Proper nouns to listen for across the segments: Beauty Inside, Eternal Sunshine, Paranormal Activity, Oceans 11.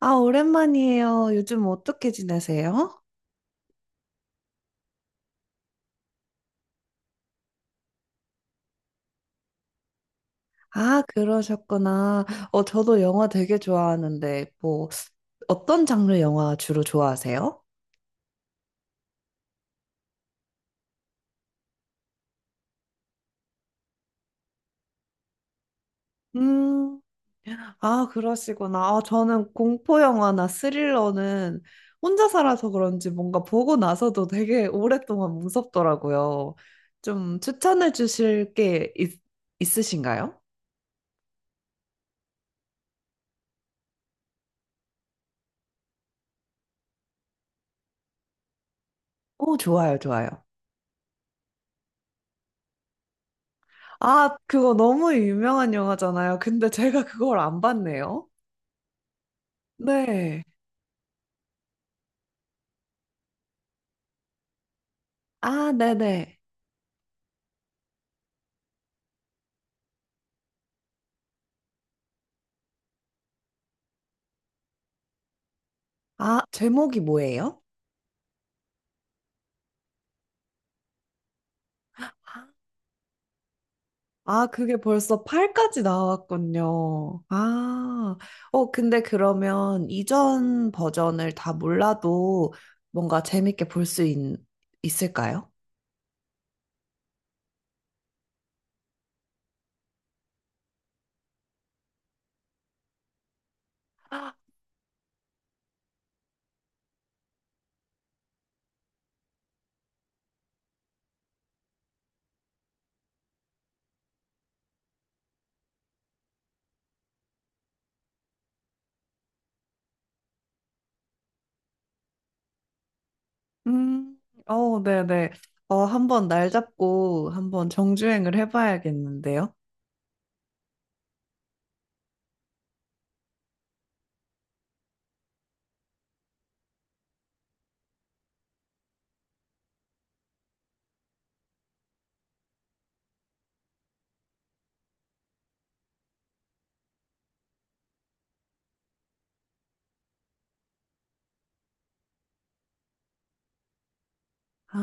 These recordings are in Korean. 아, 오랜만이에요. 요즘 어떻게 지내세요? 아, 그러셨구나. 저도 영화 되게 좋아하는데, 뭐, 어떤 장르 영화 주로 좋아하세요? 음, 아, 그러시구나. 아, 저는 공포 영화나 스릴러는 혼자 살아서 그런지 뭔가 보고 나서도 되게 오랫동안 무섭더라고요. 좀 추천해 주실 게 있으신가요? 오, 좋아요, 좋아요. 아, 그거 너무 유명한 영화잖아요. 근데 제가 그걸 안 봤네요. 네. 아, 네네. 아, 제목이 뭐예요? 아, 그게 벌써 8까지 나왔군요. 근데 그러면 이전 버전을 다 몰라도 뭔가 재밌게 볼 수 있을까요? 음, 네네. 한번 날 잡고 한번 정주행을 해봐야겠는데요. 아,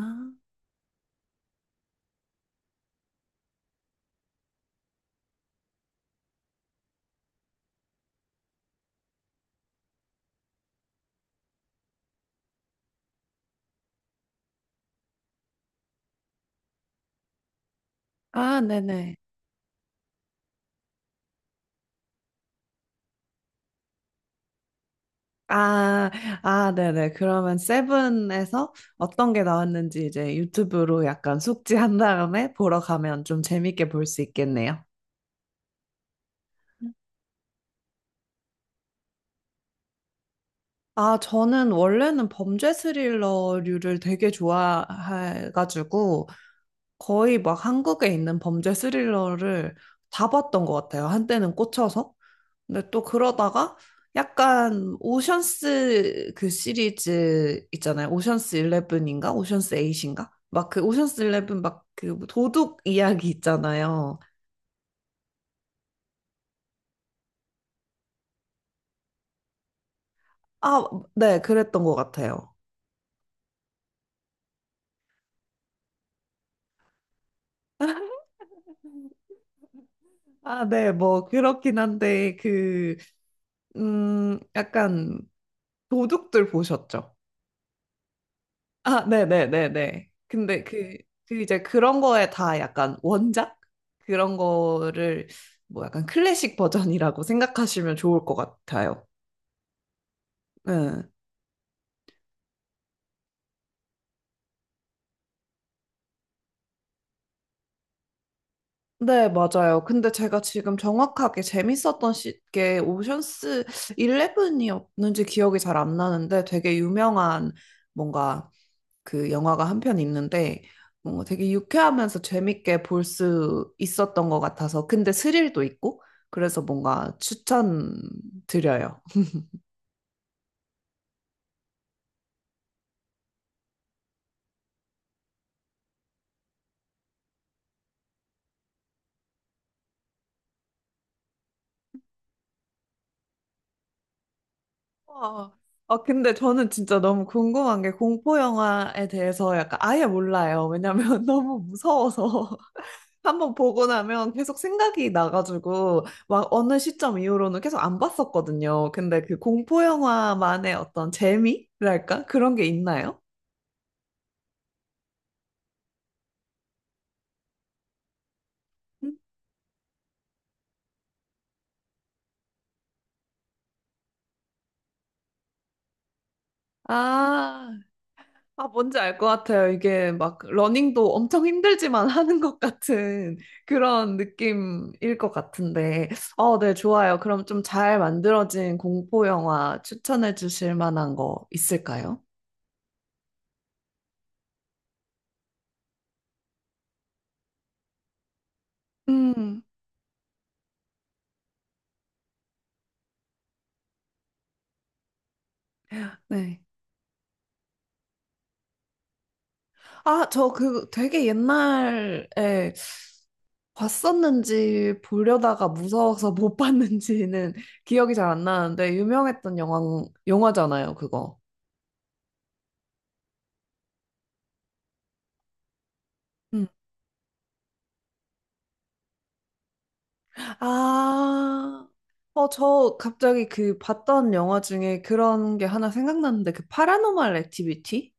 네네. 아, 네네. 그러면 세븐에서 어떤 게 나왔는지 이제 유튜브로 약간 숙지한 다음에 보러 가면 좀 재밌게 볼 수 있겠네요. 아, 저는 원래는 범죄 스릴러류를 되게 좋아해가지고, 거의 막 한국에 있는 범죄 스릴러를 다 봤던 것 같아요. 한때는 꽂혀서. 근데 또 그러다가 약간 오션스 그 시리즈 있잖아요. 오션스 11인가? 오션스 8인가? 막 그 오션스 11 막 그 도둑 이야기 있잖아요. 아, 네, 그랬던 것 같아요. 아, 네, 뭐 그렇긴 한데 약간 도둑들 보셨죠? 아, 네네네네. 근데 그 이제 그런 거에 다 약간 원작? 그런 거를 뭐 약간 클래식 버전이라고 생각하시면 좋을 것 같아요. 네. 네, 맞아요. 근데 제가 지금 정확하게 재밌었던 게 오션스 11이었는지 기억이 잘 안 나는데 되게 유명한 뭔가 그 영화가 한 편 있는데 뭔가 되게 유쾌하면서 재밌게 볼 수 있었던 것 같아서 근데 스릴도 있고 그래서 뭔가 추천드려요. 와. 아, 근데 저는 진짜 너무 궁금한 게 공포 영화에 대해서 약간 아예 몰라요. 왜냐면 너무 무서워서 한번 보고 나면 계속 생각이 나가지고 막 어느 시점 이후로는 계속 안 봤었거든요. 근데 그 공포 영화만의 어떤 재미랄까? 그런 게 있나요? 음? 아, 아, 뭔지 알 것 같아요. 이게 막 러닝도 엄청 힘들지만 하는 것 같은 그런 느낌일 것 같은데. 네, 좋아요. 그럼 좀 잘 만들어진 공포 영화 추천해 주실 만한 거 있을까요? 음, 네. 아, 저 그 되게 옛날에 봤었는지 보려다가 무서워서 못 봤는지는 기억이 잘 안 나는데 유명했던 영화잖아요, 그거. 아, 저 갑자기 그 봤던 영화 중에 그런 게 하나 생각났는데, 그 파라노말 액티비티?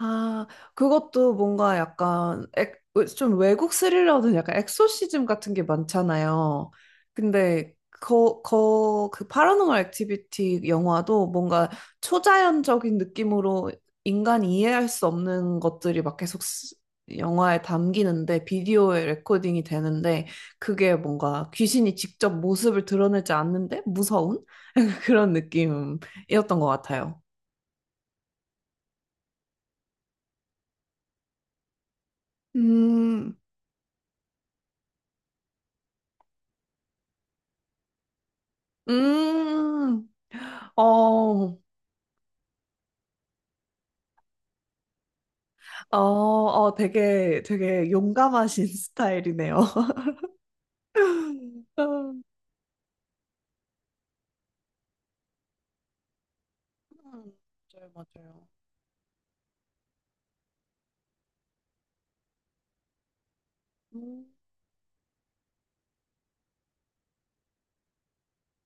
아, 그것도 뭔가 약간 좀 외국 스릴러는 약간 엑소시즘 같은 게 많잖아요. 근데 그 파라노멀 액티비티 영화도 뭔가 초자연적인 느낌으로 인간이 이해할 수 없는 것들이 막 계속 영화에 담기는데 비디오에 레코딩이 되는데 그게 뭔가 귀신이 직접 모습을 드러내지 않는데 무서운 그런 느낌이었던 것 같아요. 음, 음. 어, 되게, 되게 용감하신 스타일이네요. 음, 맞아요, 맞아요. 음,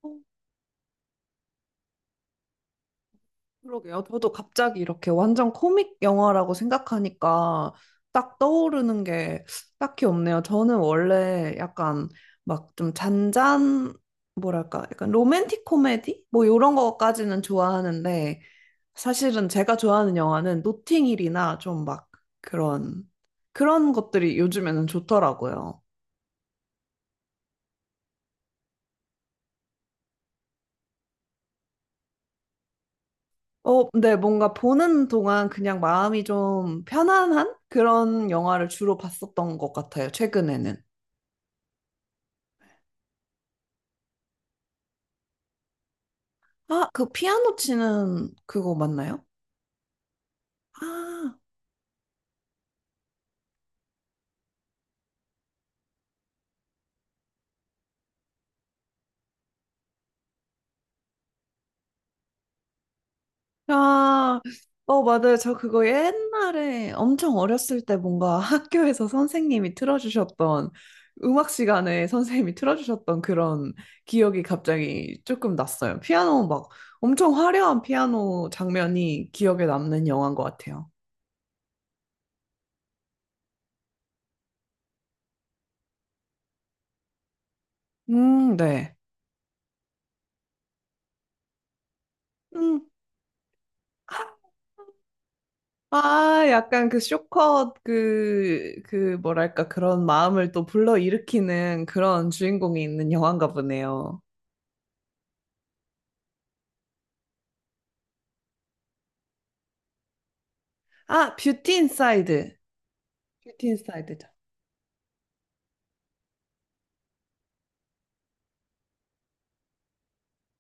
어, 그러게요. 저도 갑자기 이렇게 완전 코믹 영화라고 생각하니까 딱 떠오르는 게 딱히 없네요. 저는 원래 약간 막 좀 뭐랄까, 약간 로맨틱 코미디? 뭐 이런 거까지는 좋아하는데, 사실은 제가 좋아하는 영화는 노팅힐이나 좀 막 그런 그런 것들이 요즘에는 좋더라고요. 근데 뭔가 보는 동안 그냥 마음이 좀 편안한 그런 영화를 주로 봤었던 것 같아요, 최근에는. 아, 그 피아노 치는 그거 맞나요? 아, 아, 맞아요. 저 그거 옛날에 엄청 어렸을 때 뭔가 학교에서 선생님이 틀어주셨던 음악 시간에 선생님이 틀어주셨던 그런 기억이 갑자기 조금 났어요. 피아노 막 엄청 화려한 피아노 장면이 기억에 남는 영화인 것 같아요. 네. 음, 아, 약간 그 쇼컷 그 뭐랄까 그런 마음을 또 불러일으키는 그런 주인공이 있는 영화인가 보네요. 아, 뷰티 인사이드. 뷰티 스타일드죠.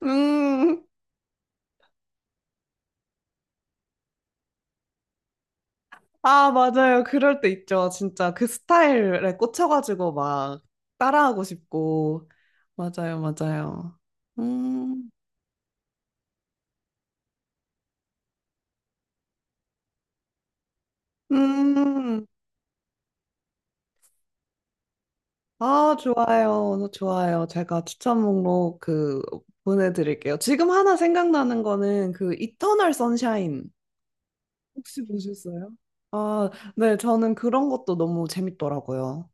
음, 아, 맞아요. 그럴 때 있죠. 진짜 그 스타일에 꽂혀가지고 막 따라하고 싶고. 맞아요, 맞아요. 음, 음, 아, 좋아요. 좋아요. 제가 추천 목록 그 보내드릴게요. 지금 하나 생각나는 거는 그 이터널 선샤인. 혹시 보셨어요? 아, 네, 저는 그런 것도 너무 재밌더라고요.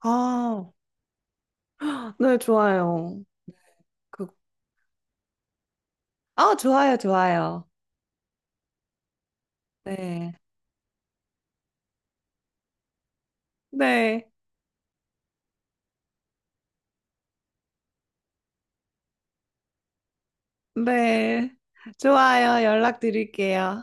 아, 네, 좋아요. 그, 아, 좋아요, 좋아요. 네. 네. 네. 좋아요. 연락드릴게요.